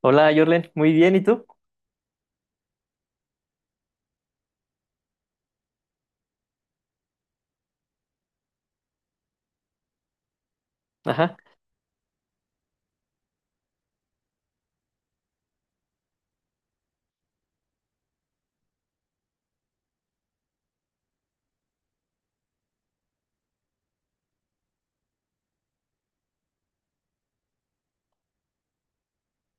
Hola, Jorlen. Muy bien, ¿y tú? Ajá.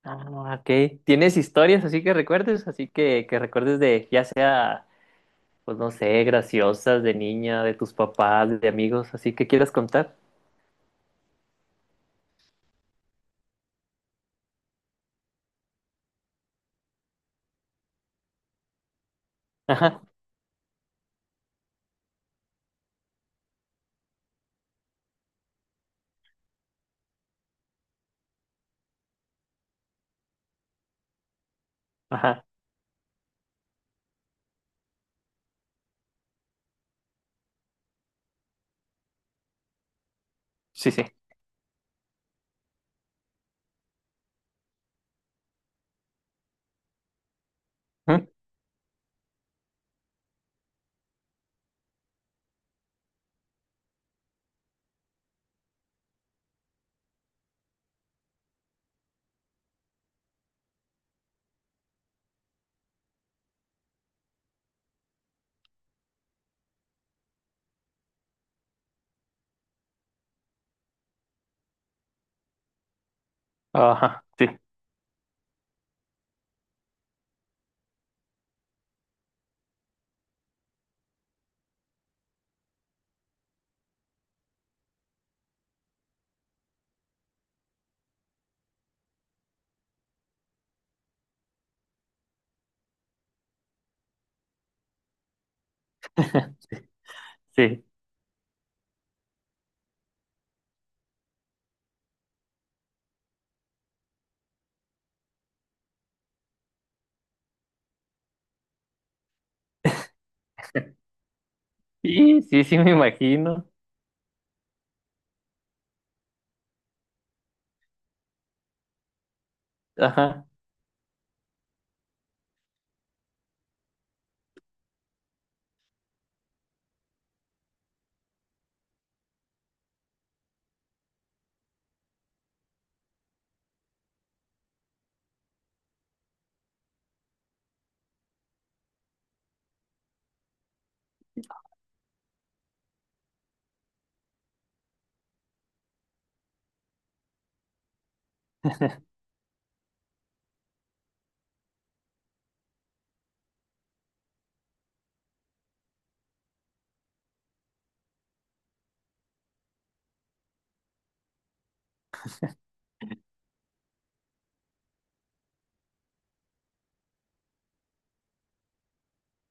Ah, ok. ¿Tienes historias así que recuerdes? Así que recuerdes de, ya sea, pues no sé, graciosas, de niña, de tus papás, de amigos, así que quieras contar. Ajá, ajá. Sí, sí. ¿Mm? Ajá, sí, sí. Sí, sí, sí, me imagino. Ajá,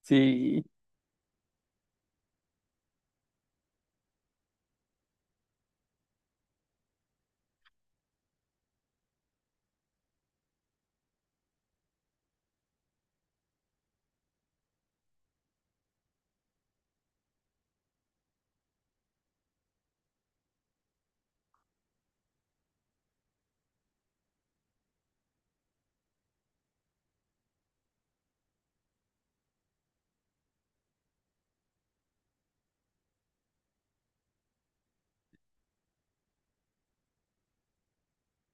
sí.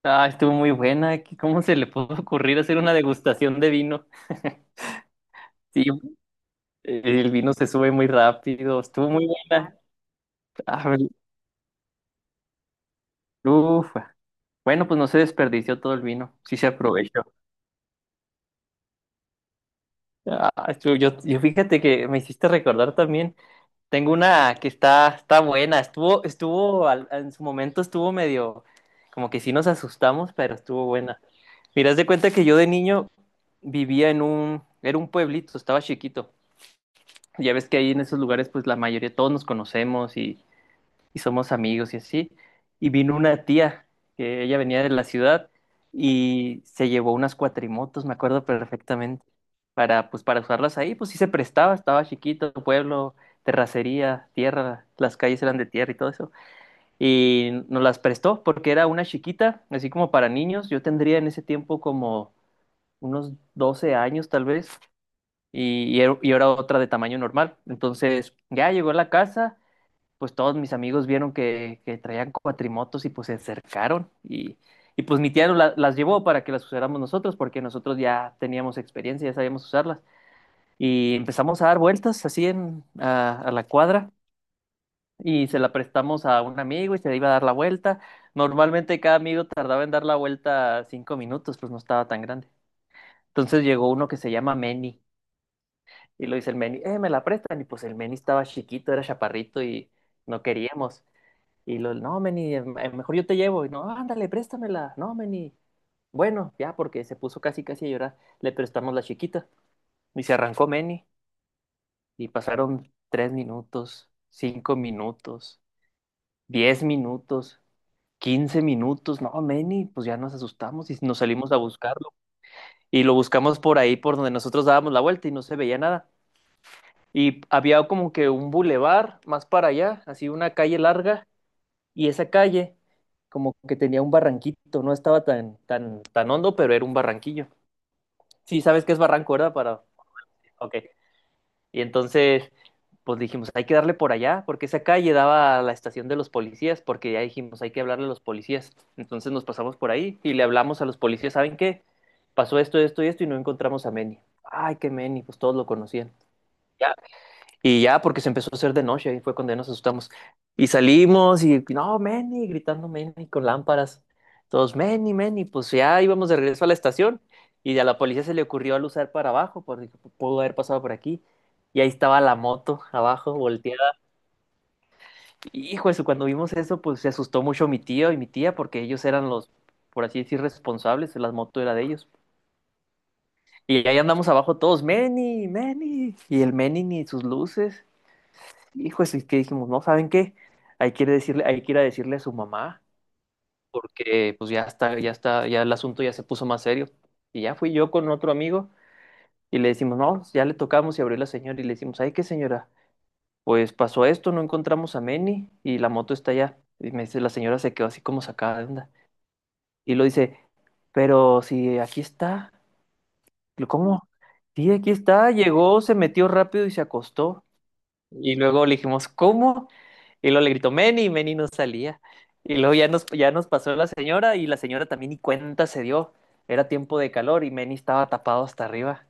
Ah, estuvo muy buena. ¿Qué- ¿Cómo se le pudo ocurrir hacer una degustación de vino? Sí, el vino se sube muy rápido. Estuvo muy buena. Ah, uf. Bueno, pues no se desperdició todo el vino, sí se aprovechó. Ah, yo fíjate que me hiciste recordar también. Tengo una que está, está buena. En su momento estuvo medio, como que sí nos asustamos, pero estuvo buena. Mira, haz de cuenta que yo de niño vivía era un pueblito, estaba chiquito. Ya ves que ahí en esos lugares, pues la mayoría, todos nos conocemos y somos amigos y así. Y vino una tía, que ella venía de la ciudad y se llevó unas cuatrimotos, me acuerdo perfectamente, para, pues, para usarlas ahí, pues sí se prestaba, estaba chiquito, pueblo, terracería, tierra, las calles eran de tierra y todo eso. Y nos las prestó porque era una chiquita, así como para niños, yo tendría en ese tiempo como unos 12 años tal vez. Y era otra de tamaño normal. Entonces ya llegó a la casa, pues todos mis amigos vieron que traían cuatrimotos y pues se acercaron y pues mi tía no la- las llevó para que las usáramos nosotros porque nosotros ya teníamos experiencia, ya sabíamos usarlas y empezamos a dar vueltas así a la cuadra y se la prestamos a un amigo y se le iba a dar la vuelta. Normalmente cada amigo tardaba en dar la vuelta 5 minutos, pues no estaba tan grande. Entonces llegó uno que se llama Meni y lo dice el Meni, me la prestan y pues el Meni estaba chiquito, era chaparrito y no queríamos. Y no, Meni, mejor yo te llevo. Y no, ándale, préstamela. No, Meni. Bueno, ya, porque se puso casi, casi a llorar. Le prestamos la chiquita. Y se arrancó Meni. Y pasaron 3 minutos, 5 minutos, 10 minutos, 15 minutos. No, Meni, pues ya nos asustamos y nos salimos a buscarlo. Y lo buscamos por ahí, por donde nosotros dábamos la vuelta y no se veía nada. Y había como que un bulevar más para allá, así una calle larga y esa calle como que tenía un barranquito, no estaba tan, tan, tan hondo, pero era un barranquillo. Sí, sabes que es barranco, ¿verdad? Para... Ok. Y entonces, pues dijimos, hay que darle por allá, porque esa calle daba a la estación de los policías, porque ya dijimos, hay que hablarle a los policías. Entonces nos pasamos por ahí y le hablamos a los policías, ¿saben qué? Pasó esto, esto y esto y no encontramos a Meni. Ay, qué Meni, pues todos lo conocían. Ya y ya, porque se empezó a hacer de noche, ahí fue cuando ya nos asustamos. Y salimos y, no, Manny, gritando Manny con lámparas. Todos, Manny, Manny, pues ya íbamos de regreso a la estación. Y a la policía se le ocurrió al usar para abajo, porque pudo haber pasado por aquí. Y ahí estaba la moto abajo, volteada. Hijo de su, cuando vimos eso, pues se asustó mucho mi tío y mi tía, porque ellos eran los, por así decir, responsables, la moto era de ellos. Y ahí andamos abajo todos, Manny, Manny. Y el Manny ni sus luces. Hijo, es que dijimos, no, ¿saben qué? Hay que ir a decirle, hay que ir a decirle a su mamá, porque pues ya está, ya está, ya el asunto ya se puso más serio. Y ya fui yo con otro amigo y le decimos, no, ya le tocamos y abrió la señora y le decimos, ay, ¿qué señora? Pues pasó esto, no encontramos a Manny y la moto está allá. Y me dice, la señora se quedó así como sacada de onda. Y lo dice, pero si aquí está. Lo, ¿cómo? Sí, aquí está, llegó, se metió rápido y se acostó. Y luego le dijimos, ¿cómo? Y luego le gritó Meni y Meni no salía. Y luego ya nos pasó la señora y la señora también ni cuenta se dio. Era tiempo de calor y Meni estaba tapado hasta arriba.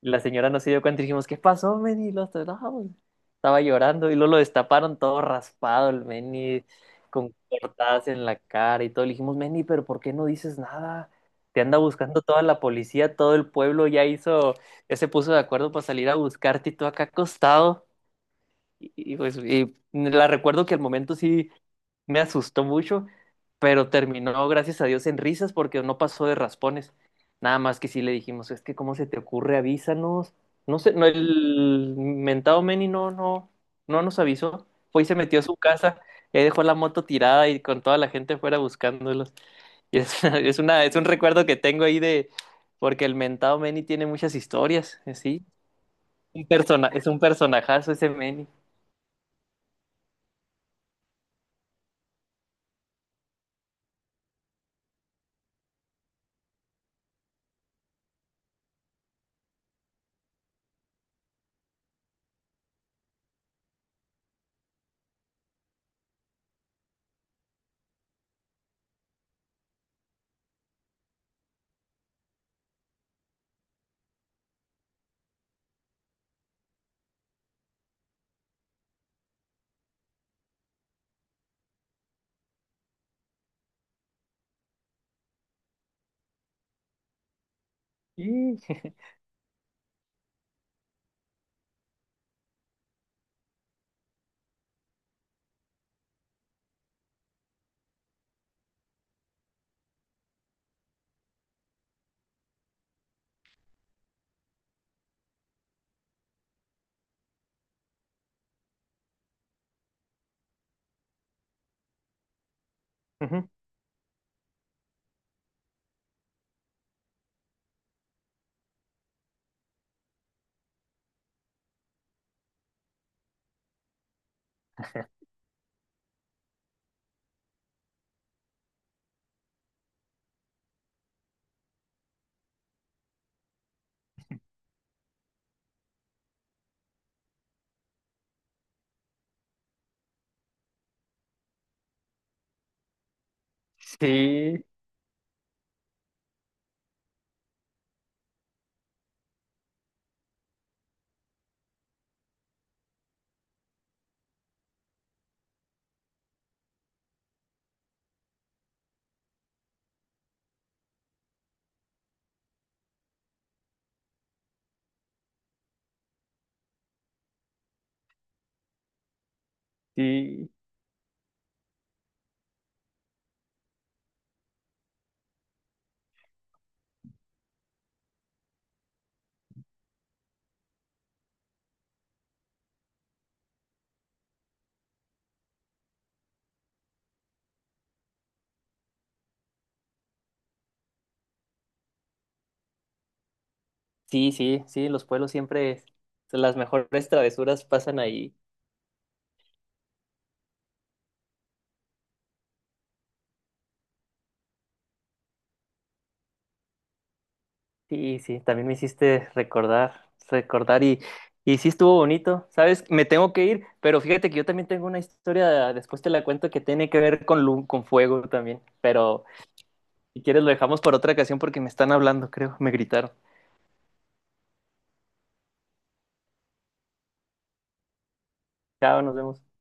La señora no se dio cuenta y dijimos, ¿qué pasó, Meni? Y luego, "No, estaba llorando" y luego lo destaparon todo raspado el Meni con cortadas en la cara y todo. Le dijimos, Meni, pero ¿por qué no dices nada? Te anda buscando toda la policía, todo el pueblo ya hizo, ya se puso de acuerdo para salir a buscarte y tú acá acostado. Y la recuerdo que al momento sí me asustó mucho, pero terminó, gracias a Dios, en risas porque no pasó de raspones. Nada más que sí le dijimos, es que cómo se te ocurre, avísanos. No sé, no, el mentado Manny no, no, no nos avisó. Fue y se metió a su casa, y ahí dejó la moto tirada y con toda la gente fuera buscándolos. Y es es un recuerdo que tengo ahí de, porque el mentado Manny tiene muchas historias, ¿sí? Es un personajazo ese Manny. Sí. Ujú. Sí, sí, sí, sí, sí, los pueblos siempre, las mejores travesuras pasan ahí. Sí, sí, también me hiciste recordar y sí estuvo bonito, ¿sabes? Me tengo que ir, pero fíjate que yo también tengo una historia, después te la cuento, que tiene que ver con con fuego también, pero si quieres lo dejamos para otra ocasión porque me están hablando, creo, me gritaron. Chao, nos vemos.